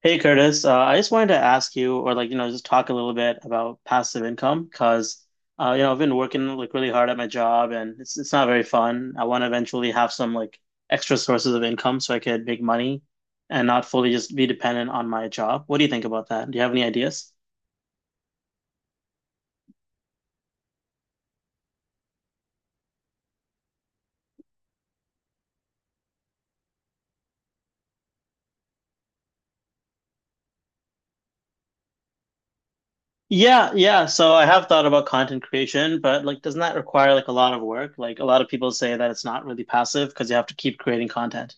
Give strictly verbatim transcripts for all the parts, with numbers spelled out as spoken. Hey Curtis, uh, I just wanted to ask you, or like, you know, just talk a little bit about passive income because, uh, you know, I've been working like really hard at my job and it's it's not very fun. I want to eventually have some like extra sources of income so I could make money and not fully just be dependent on my job. What do you think about that? Do you have any ideas? Yeah, yeah. So I have thought about content creation, but like, doesn't that require like a lot of work? Like, a lot of people say that it's not really passive because you have to keep creating content.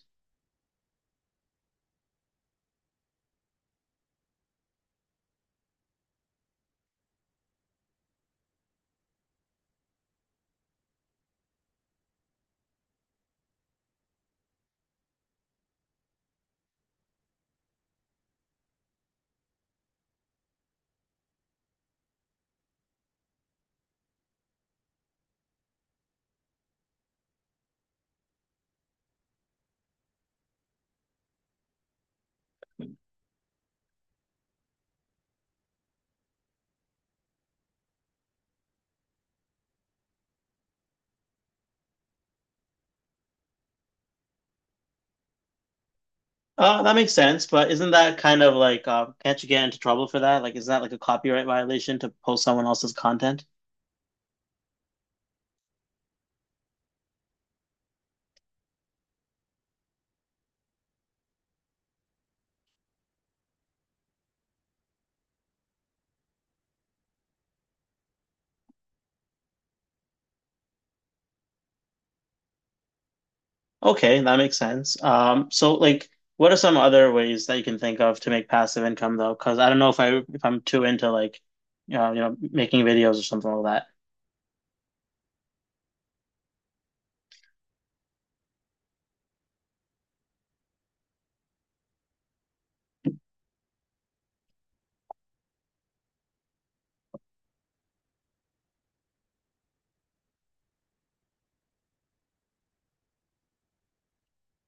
Uh, that makes sense, but isn't that kind of like, uh, can't you get into trouble for that? Like, is that like a copyright violation to post someone else's content? Okay, that makes sense. Um, so like, what are some other ways that you can think of to make passive income though? Because I don't know if I if I'm too into like, you know, you know, making videos or something like that.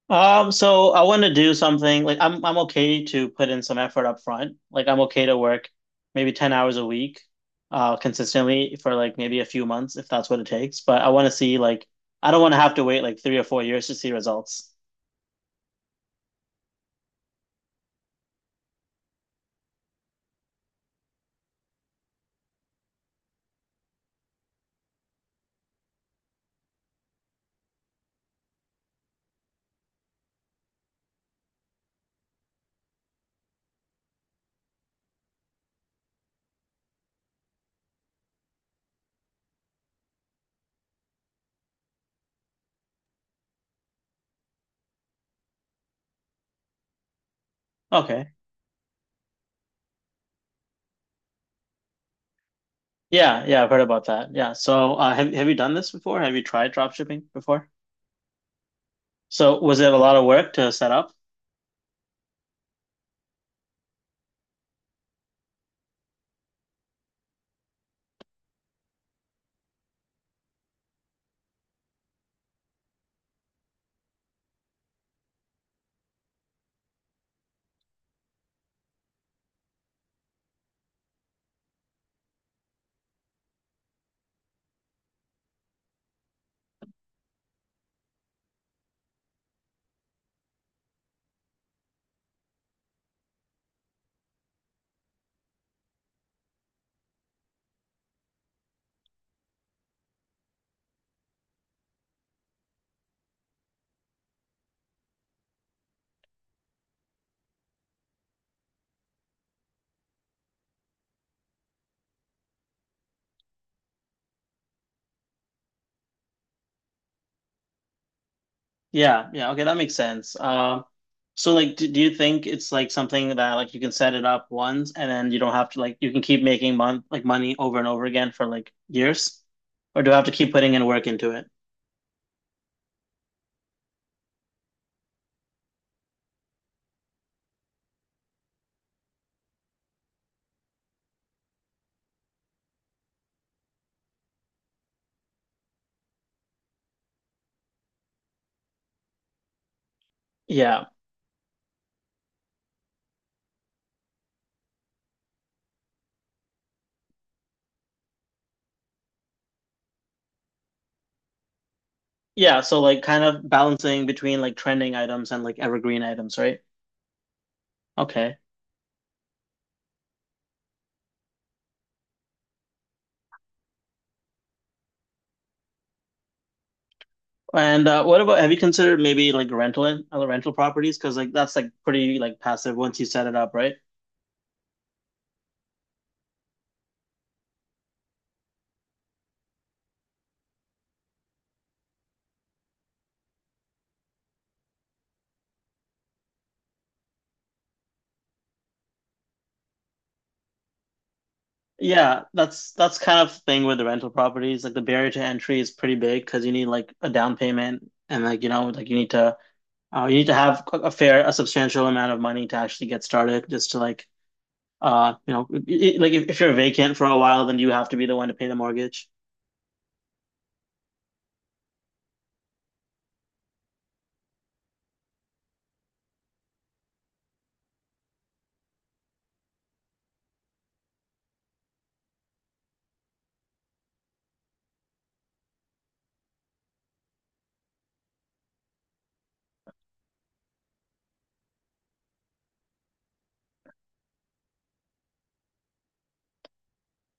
Um, so I want to do something like I'm I'm okay to put in some effort up front. Like I'm okay to work maybe ten hours a week uh consistently for like maybe a few months if that's what it takes. But I want to see like I don't want to have to wait like three or four years to see results. Okay. Yeah, yeah, I've heard about that. Yeah. So uh have have you done this before? Have you tried drop shipping before? So was it a lot of work to set up? Yeah, yeah, okay, that makes sense. Uh, So like do, do you think it's like something that like you can set it up once and then you don't have to like you can keep making month like money over and over again for like years? Or do I have to keep putting in work into it? Yeah. Yeah, so like kind of balancing between like trending items and like evergreen items, right? Okay. And uh, what about have you considered maybe like rental in other rental properties? Because like that's like pretty like passive once you set it up, right? Yeah, that's that's kind of the thing with the rental properties. Like the barrier to entry is pretty big because you need like a down payment and like you know like you need to uh, you need to have a fair a substantial amount of money to actually get started just to like uh you know i- i- like if, if you're vacant for a while then you have to be the one to pay the mortgage.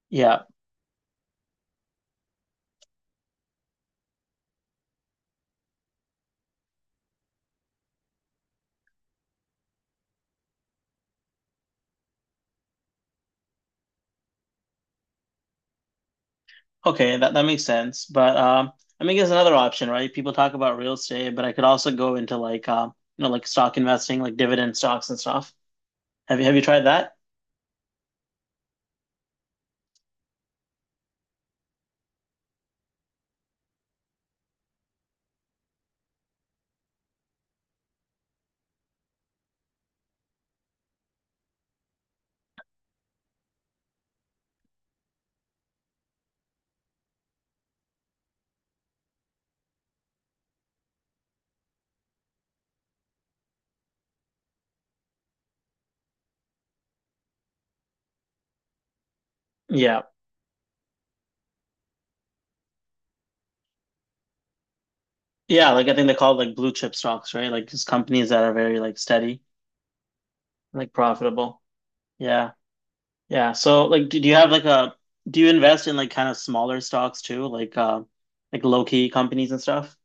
Yeah. Okay, that that makes sense. But um I mean, there's another option, right? People talk about real estate, but I could also go into like um you know like stock investing, like dividend stocks and stuff. Have you have you tried that? Yeah. Yeah, like I think they call it like blue chip stocks, right? Like just companies that are very like steady, like profitable. Yeah. Yeah. So like do, do you have like a do you invest in like kind of smaller stocks too? Like uh like low key companies and stuff?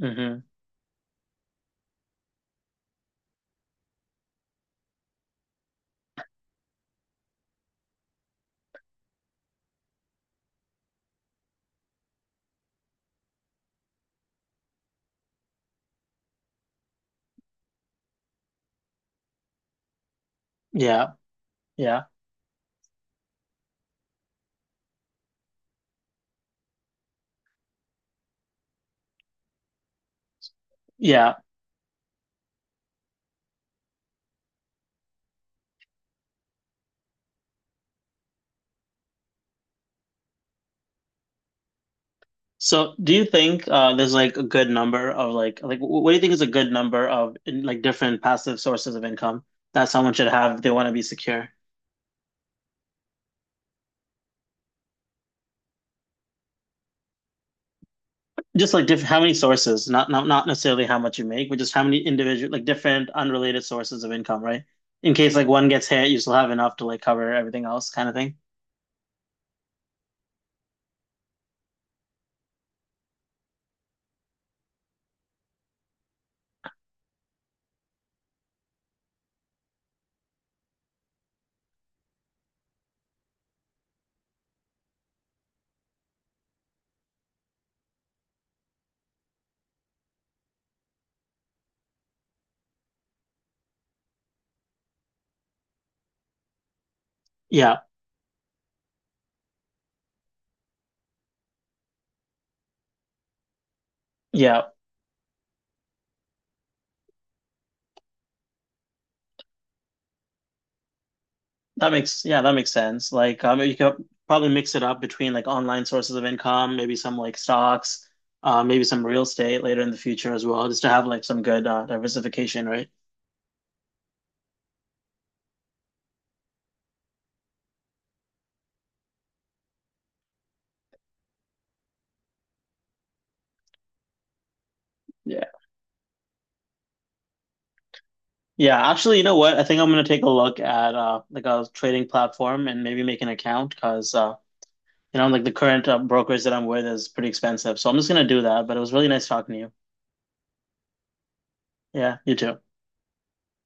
hmm Yeah. Yeah. Yeah. So do you think uh there's like a good number of like like wh- what do you think is a good number of in, like different passive sources of income that someone should have if they want to be secure? Just like diff how many sources, not not not necessarily how much you make, but just how many individual like different unrelated sources of income, right? In case like one gets hit, you still have enough to like cover everything else kind of thing. Yeah. Yeah. That makes yeah, that makes sense. Like um you could probably mix it up between like online sources of income, maybe some like stocks, uh maybe some real estate later in the future as well, just to have like some good uh, diversification, right? Yeah. Yeah, actually, you know what? I think I'm gonna take a look at uh like a trading platform and maybe make an account because uh you know, like the current uh, brokers that I'm with is pretty expensive. So I'm just gonna do that. But it was really nice talking to you. Yeah, you too.